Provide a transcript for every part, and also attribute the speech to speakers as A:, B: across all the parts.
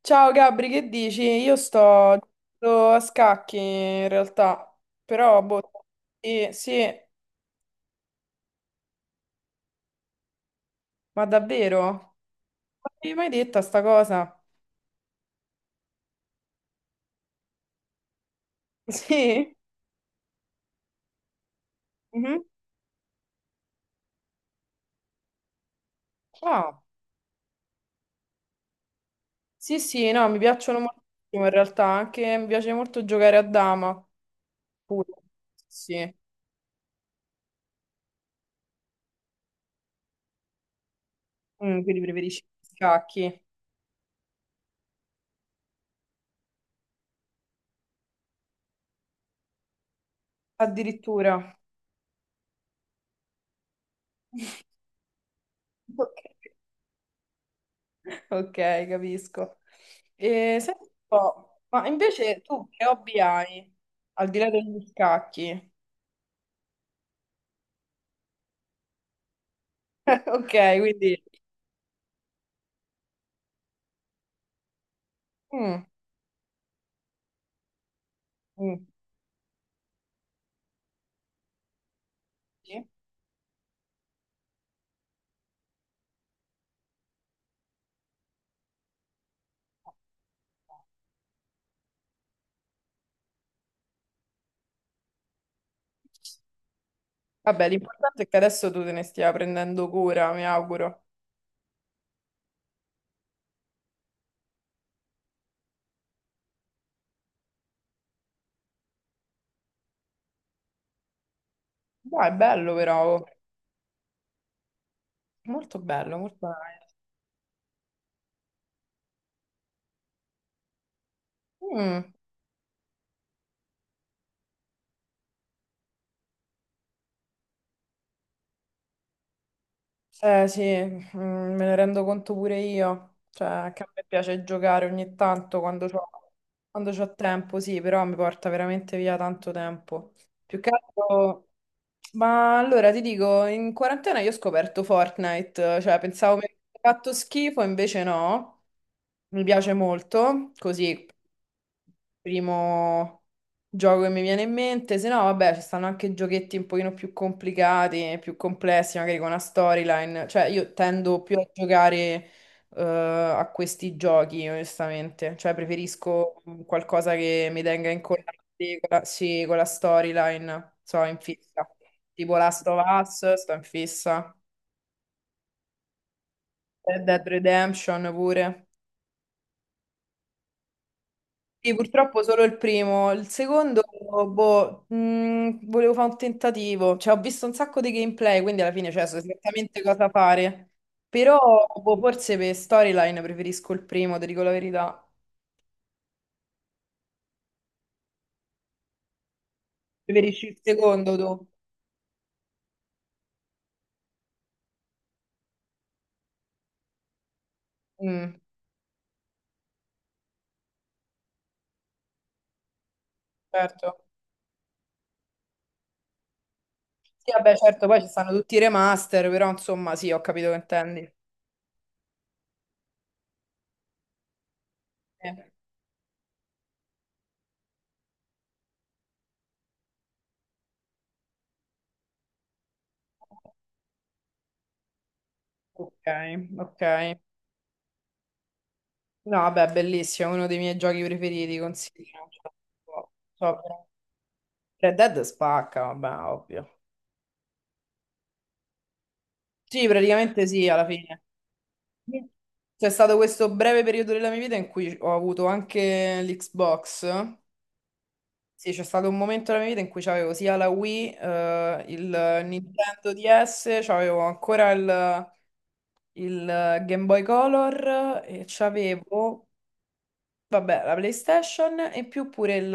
A: Ciao Gabri, che dici? Io sto giocando a scacchi in realtà, però boh, sì, sì, ma davvero? Non mi hai mai detta sta cosa? Sì? Mhm. Ah, sì, sì, no, mi piacciono moltissimo in realtà, anche mi piace molto giocare a dama, pure, sì, quindi preferisci gli scacchi, addirittura. Ok. Ok, capisco. E, senti un po', ma invece tu che hobby hai? Al di là degli scacchi. Ok, quindi, mm, mm, sì. Vabbè, l'importante è che adesso tu te ne stia prendendo cura, mi auguro. Dai, è bello però, oh. Molto bello, molto bello. Eh sì, me ne rendo conto pure io, cioè che a me piace giocare ogni tanto quando c'ho tempo, sì, però mi porta veramente via tanto tempo. Più che altro, ma allora ti dico, in quarantena io ho scoperto Fortnite, cioè pensavo mi avesse fatto schifo, invece no, mi piace molto, così primo gioco che mi viene in mente, se no, vabbè, ci stanno anche giochetti un pochino più complicati, più complessi, magari con una storyline. Cioè, io tendo più a giocare a questi giochi, onestamente. Cioè, preferisco qualcosa che mi tenga incollato con la, sì, con la storyline. So, in fissa. Tipo Last of Us, sto in fissa. Red Dead Redemption pure. Sì, purtroppo solo il primo, il secondo, boh, volevo fare un tentativo, cioè ho visto un sacco di gameplay, quindi alla fine cioè, so esattamente cosa fare, però boh, forse per storyline preferisco il primo, ti dico la verità, preferisci il secondo tu? Mm, certo, sì vabbè certo, poi ci stanno tutti i remaster, però insomma sì, ho capito che intendi. Eh. Ok, ok. No, vabbè, bellissimo, uno dei miei giochi preferiti, considero. Cioè, so veramente Red Dead spacca, vabbè, ovvio. Sì, praticamente sì, alla fine. Sì. C'è stato questo breve periodo della mia vita in cui ho avuto anche l'Xbox. Sì, c'è stato un momento della mia vita in cui c'avevo sia la Wii, il Nintendo DS, c'avevo ancora il Game Boy Color e c'avevo, vabbè, la PlayStation e in più pure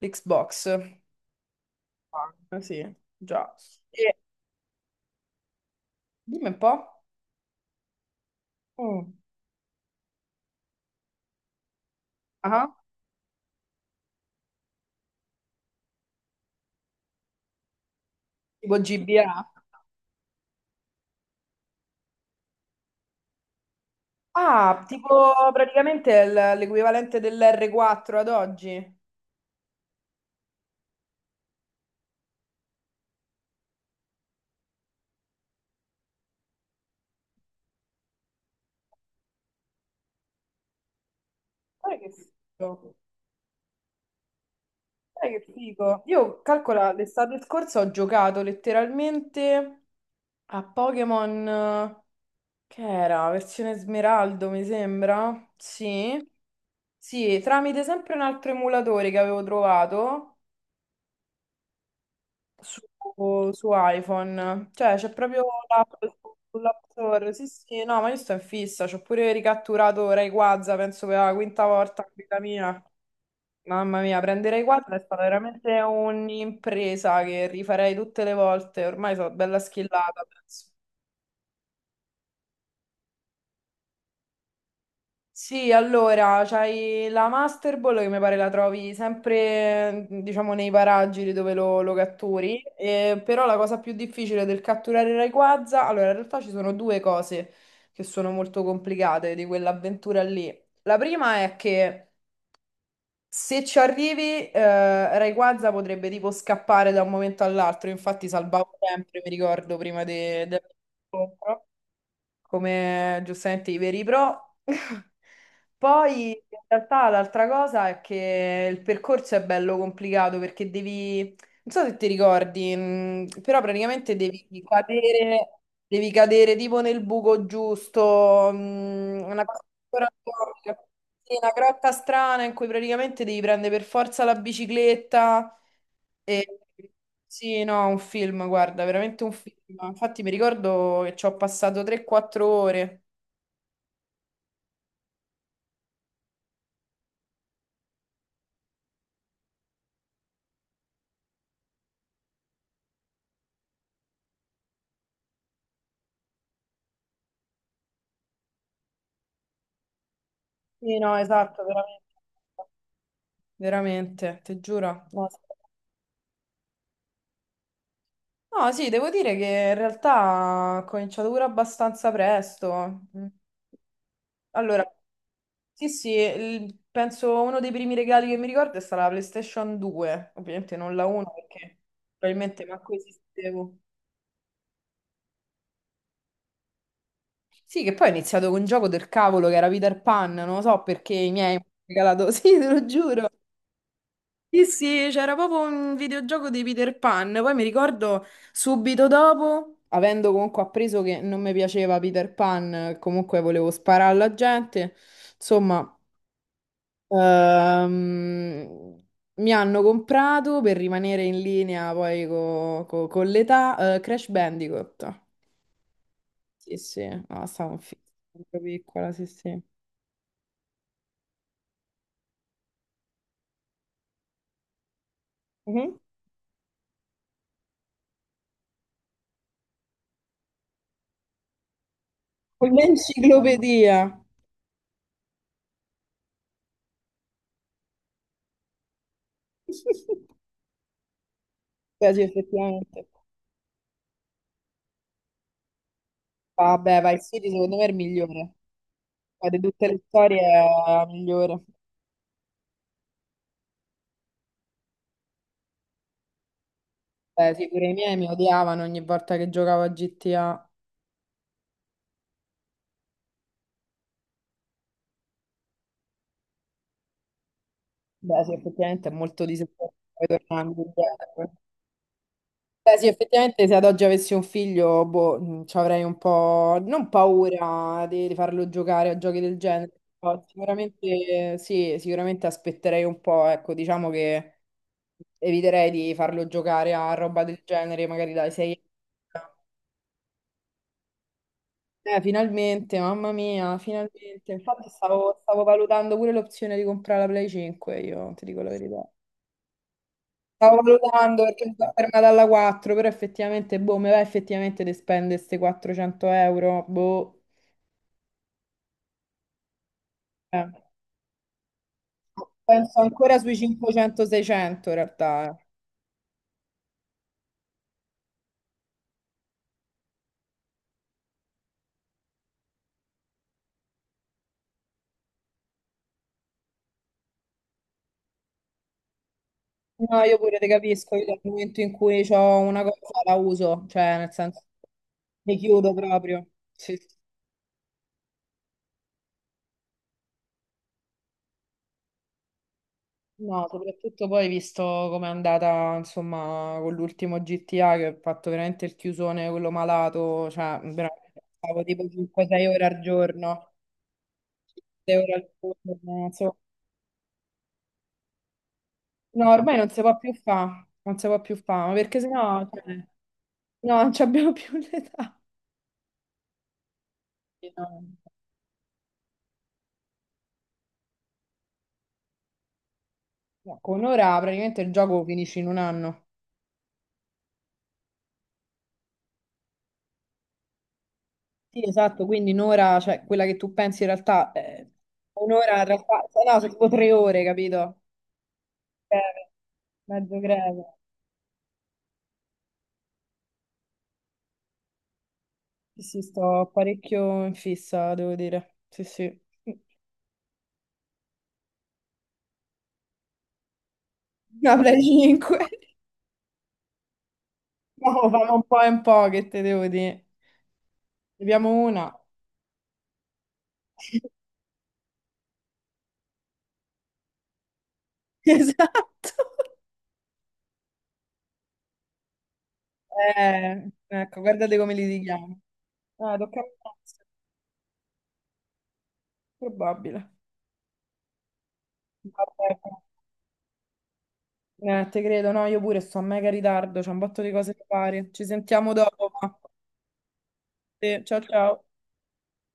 A: l'Xbox. Ah, sì, già. E dimmi un po'. Mm. Ah. Tipo GBA? Ah, tipo praticamente è l'equivalente dell'R4 ad oggi. Guarda che figo. Guarda che figo. Io calcola, l'estate scorsa ho giocato letteralmente a Pokémon, che era? Versione Smeraldo, mi sembra. Sì. Sì, tramite sempre un altro emulatore che avevo trovato. su, su iPhone. Cioè, c'è proprio l'app sull'App Store. Sì, sì, no, ma io sto in fissa. C'ho pure ricatturato Ray Quaza, penso per la quinta volta in vita mia. Mamma mia, prendere Ray Quaza è stata veramente un'impresa che rifarei tutte le volte. Ormai sono bella schillata, penso. Sì, allora, c'hai la Master Ball che mi pare la trovi sempre, diciamo, nei paraggi dove lo catturi, però la cosa più difficile del catturare il Rayquaza, allora, in realtà ci sono due cose che sono molto complicate di quell'avventura lì. La prima è che se ci arrivi, Rayquaza potrebbe tipo scappare da un momento all'altro, infatti salvavo sempre, mi ricordo, prima dell'incontro come giustamente i veri pro. Poi in realtà l'altra cosa è che il percorso è bello complicato perché devi, non so se ti ricordi, però praticamente devi cadere tipo nel buco giusto, una cosa ancora più- sì, una grotta strana in cui praticamente devi prendere per forza la bicicletta. E- sì, no, un film, guarda, veramente un film. Infatti mi ricordo che ci ho passato 3-4 ore. Sì, no, esatto, veramente. Veramente, ti giuro. No, sì, no, sì, devo dire che in realtà ho cominciato pure abbastanza presto. Mm. Allora, sì, sì, penso uno dei primi regali che mi ricordo è stata la PlayStation 2. Ovviamente non la 1 perché probabilmente manco esistevo. Sì, che poi ho iniziato con un gioco del cavolo che era Peter Pan, non lo so perché i miei mi hanno regalato, sì, te lo giuro. Sì, sì, c'era proprio un videogioco di Peter Pan, poi mi ricordo subito dopo, avendo comunque appreso che non mi piaceva Peter Pan, comunque volevo sparare alla gente, insomma, ehm, mi hanno comprato per rimanere in linea poi con l'età, Crash Bandicoot. Sì, sì, no, stavo in sempre piccola, sì, sì. Mhm. L'enciclopedia. Beh, sì, effettivamente. Vabbè, vai, City secondo me è il migliore. Ma di tutte le storie è la migliore. Beh, sì, pure i miei mi odiavano ogni volta che giocavo a GTA. Beh, sì, effettivamente è molto disappointing tornando indietro. Beh, sì, effettivamente se ad oggi avessi un figlio, boh, ci avrei un po', non paura di farlo giocare a giochi del genere, però sicuramente sì, sicuramente aspetterei un po', ecco, diciamo che eviterei di farlo giocare a roba del genere, magari dai 6. Finalmente, mamma mia, finalmente. Infatti stavo valutando pure l'opzione di comprare la Play 5, io ti dico la verità. Stavo valutando perché mi sono fermata alla 4, però effettivamente, boh, mi va effettivamente di spendere queste 400 euro, boh. Eh. Penso ancora sui 500-600 in realtà, eh. No, io pure te capisco, io dal momento in cui ho una cosa la uso, cioè nel senso mi chiudo proprio. Sì. Sì. No, soprattutto poi visto com'è andata, insomma, con l'ultimo GTA che ho fatto veramente il chiusone, quello malato, cioè veramente stavo tipo 5-6 ore al giorno, 6 ore al giorno, insomma. No, ormai non si può più fare, non si può più fare, ma perché sennò, cioè, no, non ci abbiamo più l'età. Sì, no, no, con ora praticamente il gioco finisce in un anno. Sì, esatto, quindi un'ora, cioè quella che tu pensi in realtà, un'ora in realtà, cioè, no, sono tipo 3 ore, capito? Breve, mezzo greve. Sì, sì, sto parecchio in fissa, devo dire. Sì, sì. Una Play 5. No, fanno un po' e un po', che te devo dire. Ne abbiamo una. Esatto. Ecco, guardate come li litighiamo. Ah, tocca a me. Probabile. Vabbè. Te credo, no, io pure sto a mega ritardo, c'è un botto di cose da fare. Ci sentiamo dopo. Sì, ciao ciao.